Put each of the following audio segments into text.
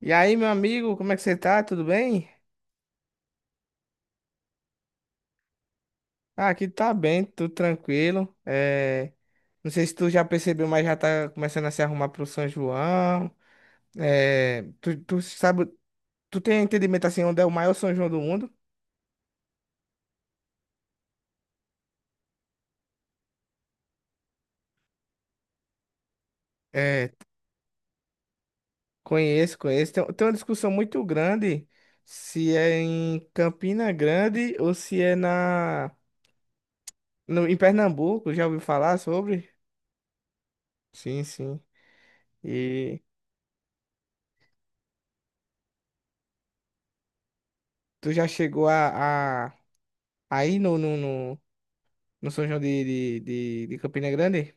E aí, meu amigo, como é que você tá? Tudo bem? Ah, aqui tá bem, tudo tranquilo. Não sei se tu já percebeu, mas já tá começando a se arrumar pro São João. Tu sabe, tu tem entendimento assim, onde é o maior São João do mundo? É, conheço, conheço. Tem uma discussão muito grande se é em Campina Grande ou se é na, no, em Pernambuco. Já ouviu falar sobre? Sim, sim. E tu já chegou a ir no no São João de Campina Grande,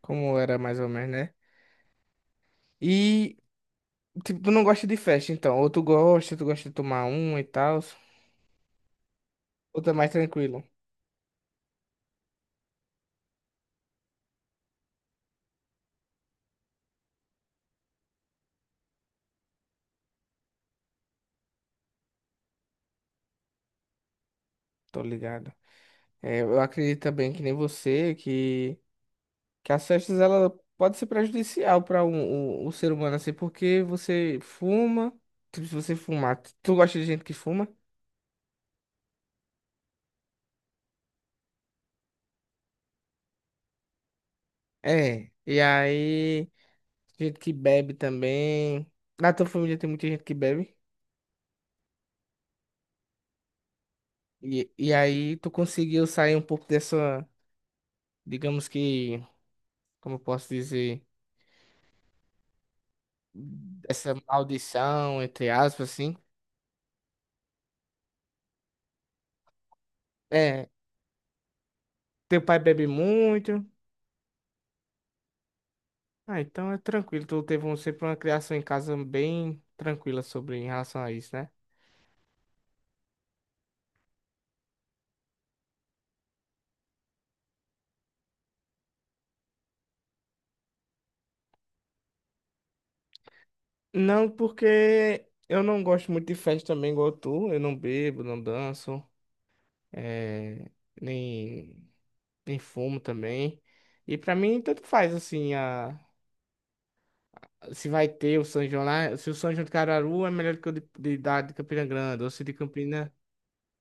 como era mais ou menos, né? E, tipo, tu não gosta de festa, então. Ou tu gosta de tomar um e tal. Ou tu é mais tranquilo, tô ligado. É, eu acredito também que nem você, que as festas, ela pode ser prejudicial para um ser humano, assim, porque você fuma, tipo, se você fumar, tu gosta de gente que fuma? É, e aí, gente que bebe também. Na tua família tem muita gente que bebe? E aí tu conseguiu sair um pouco dessa, digamos que, como eu posso dizer, dessa maldição, entre aspas, assim. É, teu pai bebe muito. Ah, então é tranquilo. Tu teve um, sempre uma criação em casa bem tranquila sobre em relação a isso, né? Não, porque eu não gosto muito de festa também, igual tu. Eu não bebo, não danço, é, nem, nem fumo também. E pra mim, tanto faz, assim, a se vai ter o São João lá, se o São João de Caruaru é melhor que o de Campina Grande, ou se de Campina.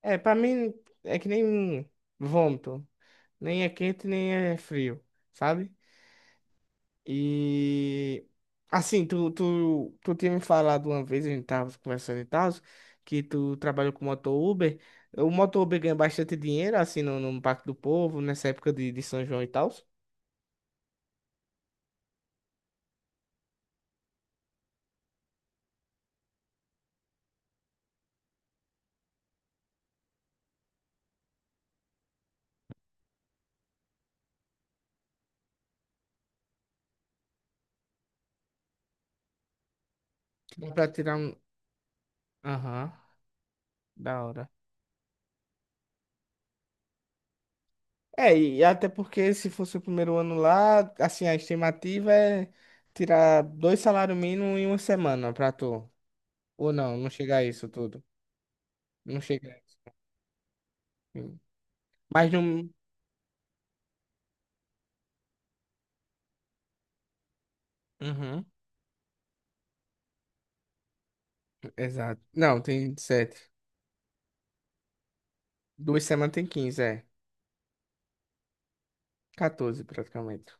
É, pra mim é que nem vômito. Nem é quente, nem é frio, sabe? E assim, tu tinha me falado uma vez, a gente tava conversando e tal, que tu trabalhou com moto Uber. O moto Uber ganha bastante dinheiro, assim, no Pacto do Povo, nessa época de São João e tal. Dá pra tirar um. Aham, da hora. É, e até porque se fosse o primeiro ano lá, assim, a estimativa é tirar dois salários mínimos em uma semana pra tu. Ou não, não chega a isso tudo. Não chega a isso. Mas não. Uhum. Exato. Não, tem sete. Duas semanas tem 15 é. 14 praticamente.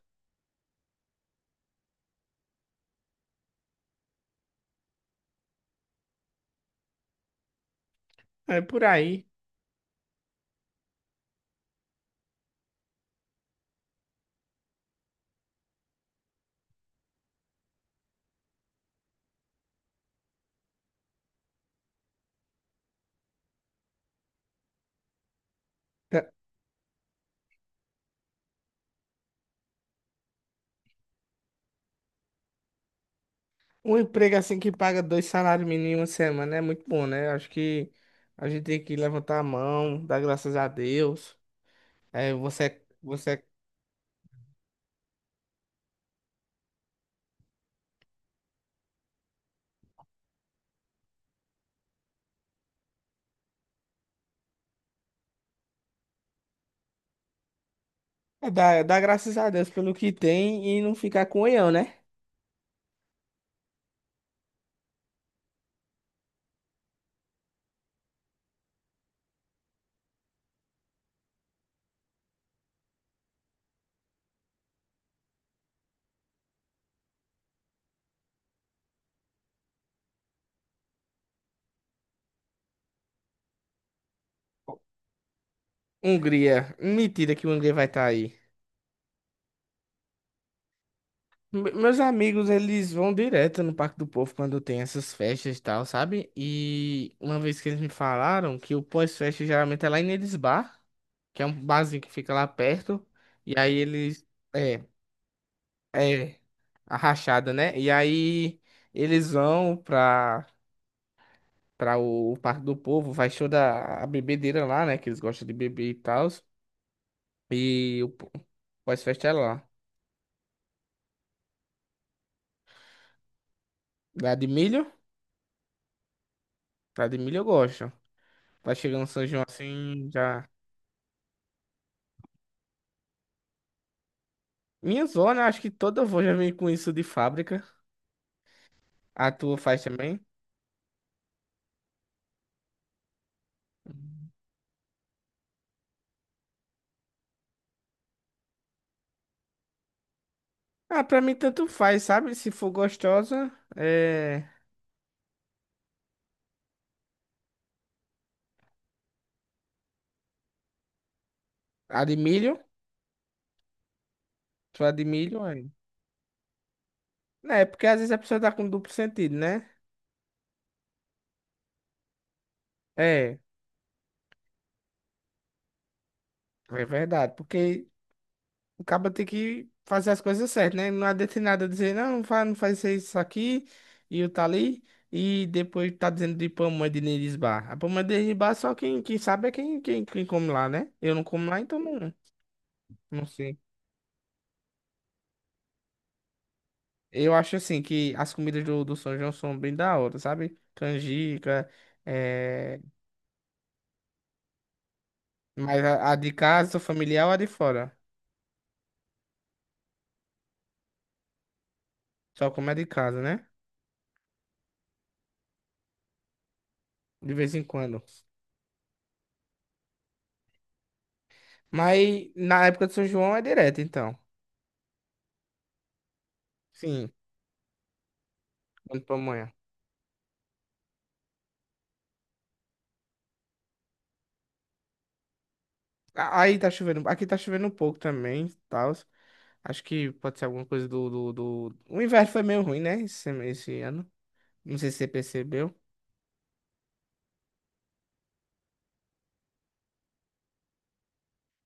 É por aí. Tá. Um emprego assim que paga dois salários mínimos em uma semana é muito bom, né? Acho que a gente tem que levantar a mão, dar graças a Deus. É, você, é, você é É dar graças a Deus pelo que tem e não ficar com oião, né? Hungria. Mentira que o Hungria vai estar aí. Meus amigos, eles vão direto no Parque do Povo quando tem essas festas e tal, sabe? E uma vez que eles me falaram que o pós-festa geralmente é lá em Nedes Bar, que é um barzinho que fica lá perto. E aí eles. É, é. A rachada, né? E aí eles vão pra, pra o Parque do Povo, vai show da a bebedeira lá, né? Que eles gostam de beber e tal. E o pós-festa é lá. Lá de milho? Lá de milho eu gosto. Tá chegando São João assim, já. Minha zona, acho que toda avó já vem com isso de fábrica. A tua faz também? Ah, pra mim tanto faz, sabe? Se for gostosa, é. A de milho. Só a de milho, aí. É, porque às vezes a pessoa tá com duplo sentido, né? É, é verdade. Porque o cara tem que fazer as coisas certas, né? Não adianta de nada dizer, não, não faz, não faz isso aqui, e o tá ali, e depois tá dizendo de pamonha de Nerisbar. A pamonha de Nerisbar só quem, quem sabe é quem come lá, né? Eu não como lá, então não, não sei. Eu acho assim que as comidas do São João são bem da hora, sabe? Canjica, é... mas a de casa, familiar ou a de fora? Só como a de casa, né? De vez em quando. Mas na época do São João é direto, então. Sim, quando pamonha. Aí tá chovendo. Aqui tá chovendo um pouco também, tal. Acho que pode ser alguma coisa do O inverno foi meio ruim, né? Esse ano. Não sei se você percebeu.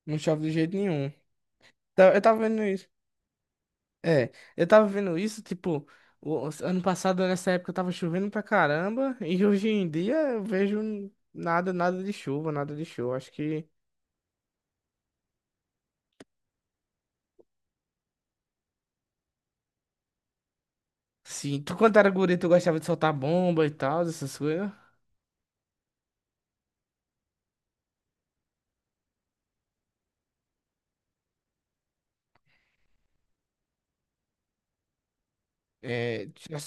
Não chove de jeito nenhum. Eu tava vendo isso. É, eu tava vendo isso, tipo, ano passado, nessa época, tava chovendo pra caramba. E hoje em dia eu vejo nada, nada de chuva, nada de chuva. Acho que. Sim. Tu, quando era guri, tu gostava de soltar bomba e tal, essas coisas. É,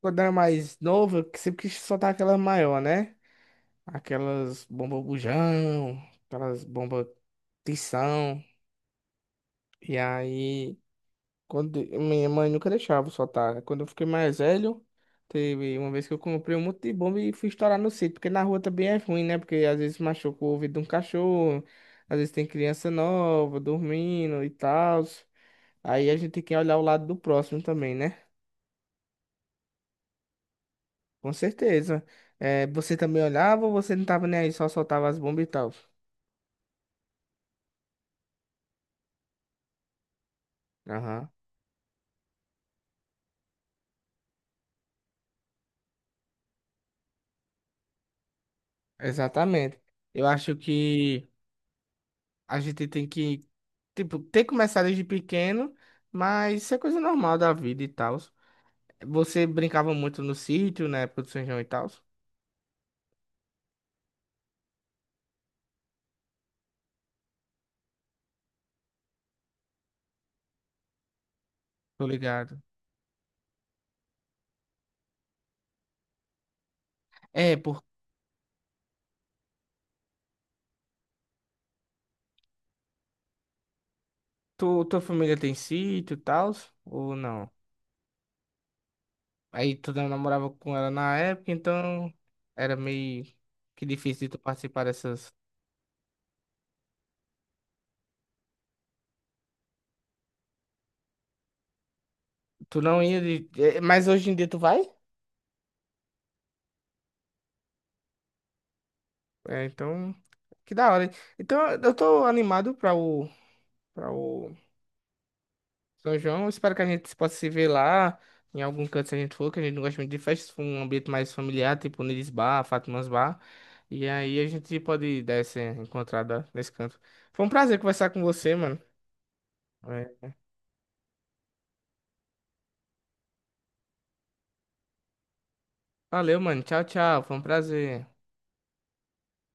quando era mais novo, eu sempre quis soltar aquela maior, né? Aquelas bomba bujão, aquelas bomba tição. E aí, quando minha mãe nunca deixava eu soltar. Quando eu fiquei mais velho, teve uma vez que eu comprei um monte de bomba e fui estourar no sítio, porque na rua também é ruim, né? Porque às vezes machuca o ouvido de um cachorro, às vezes tem criança nova dormindo e tal. Aí a gente tem que olhar o lado do próximo também, né? Com certeza. É, você também olhava ou você não tava nem aí, só soltava as bombas e tal? Aham. Exatamente. Eu acho que a gente tem que, tipo, ter começado desde pequeno, mas isso é coisa normal da vida e tal. Você brincava muito no sítio na época do São João e tal? Tô ligado. É, por tu, tua família tem sítio e tal? Ou não? Aí tu não namorava com ela na época, então era meio que difícil de tu participar dessas. Tu não ia de... eh, mas hoje em dia tu vai? É, então. Que da hora. Hein? Então eu tô animado pra o. Pra o São João, eu espero que a gente possa se ver lá, em algum canto se a gente for, que a gente não gosta muito de festas, for um ambiente mais familiar, tipo Nilis Bar, Fátimas Bar. E aí a gente pode dar essa encontrada nesse canto. Foi um prazer conversar com você, mano. É. Valeu, mano. Tchau, tchau. Foi um prazer.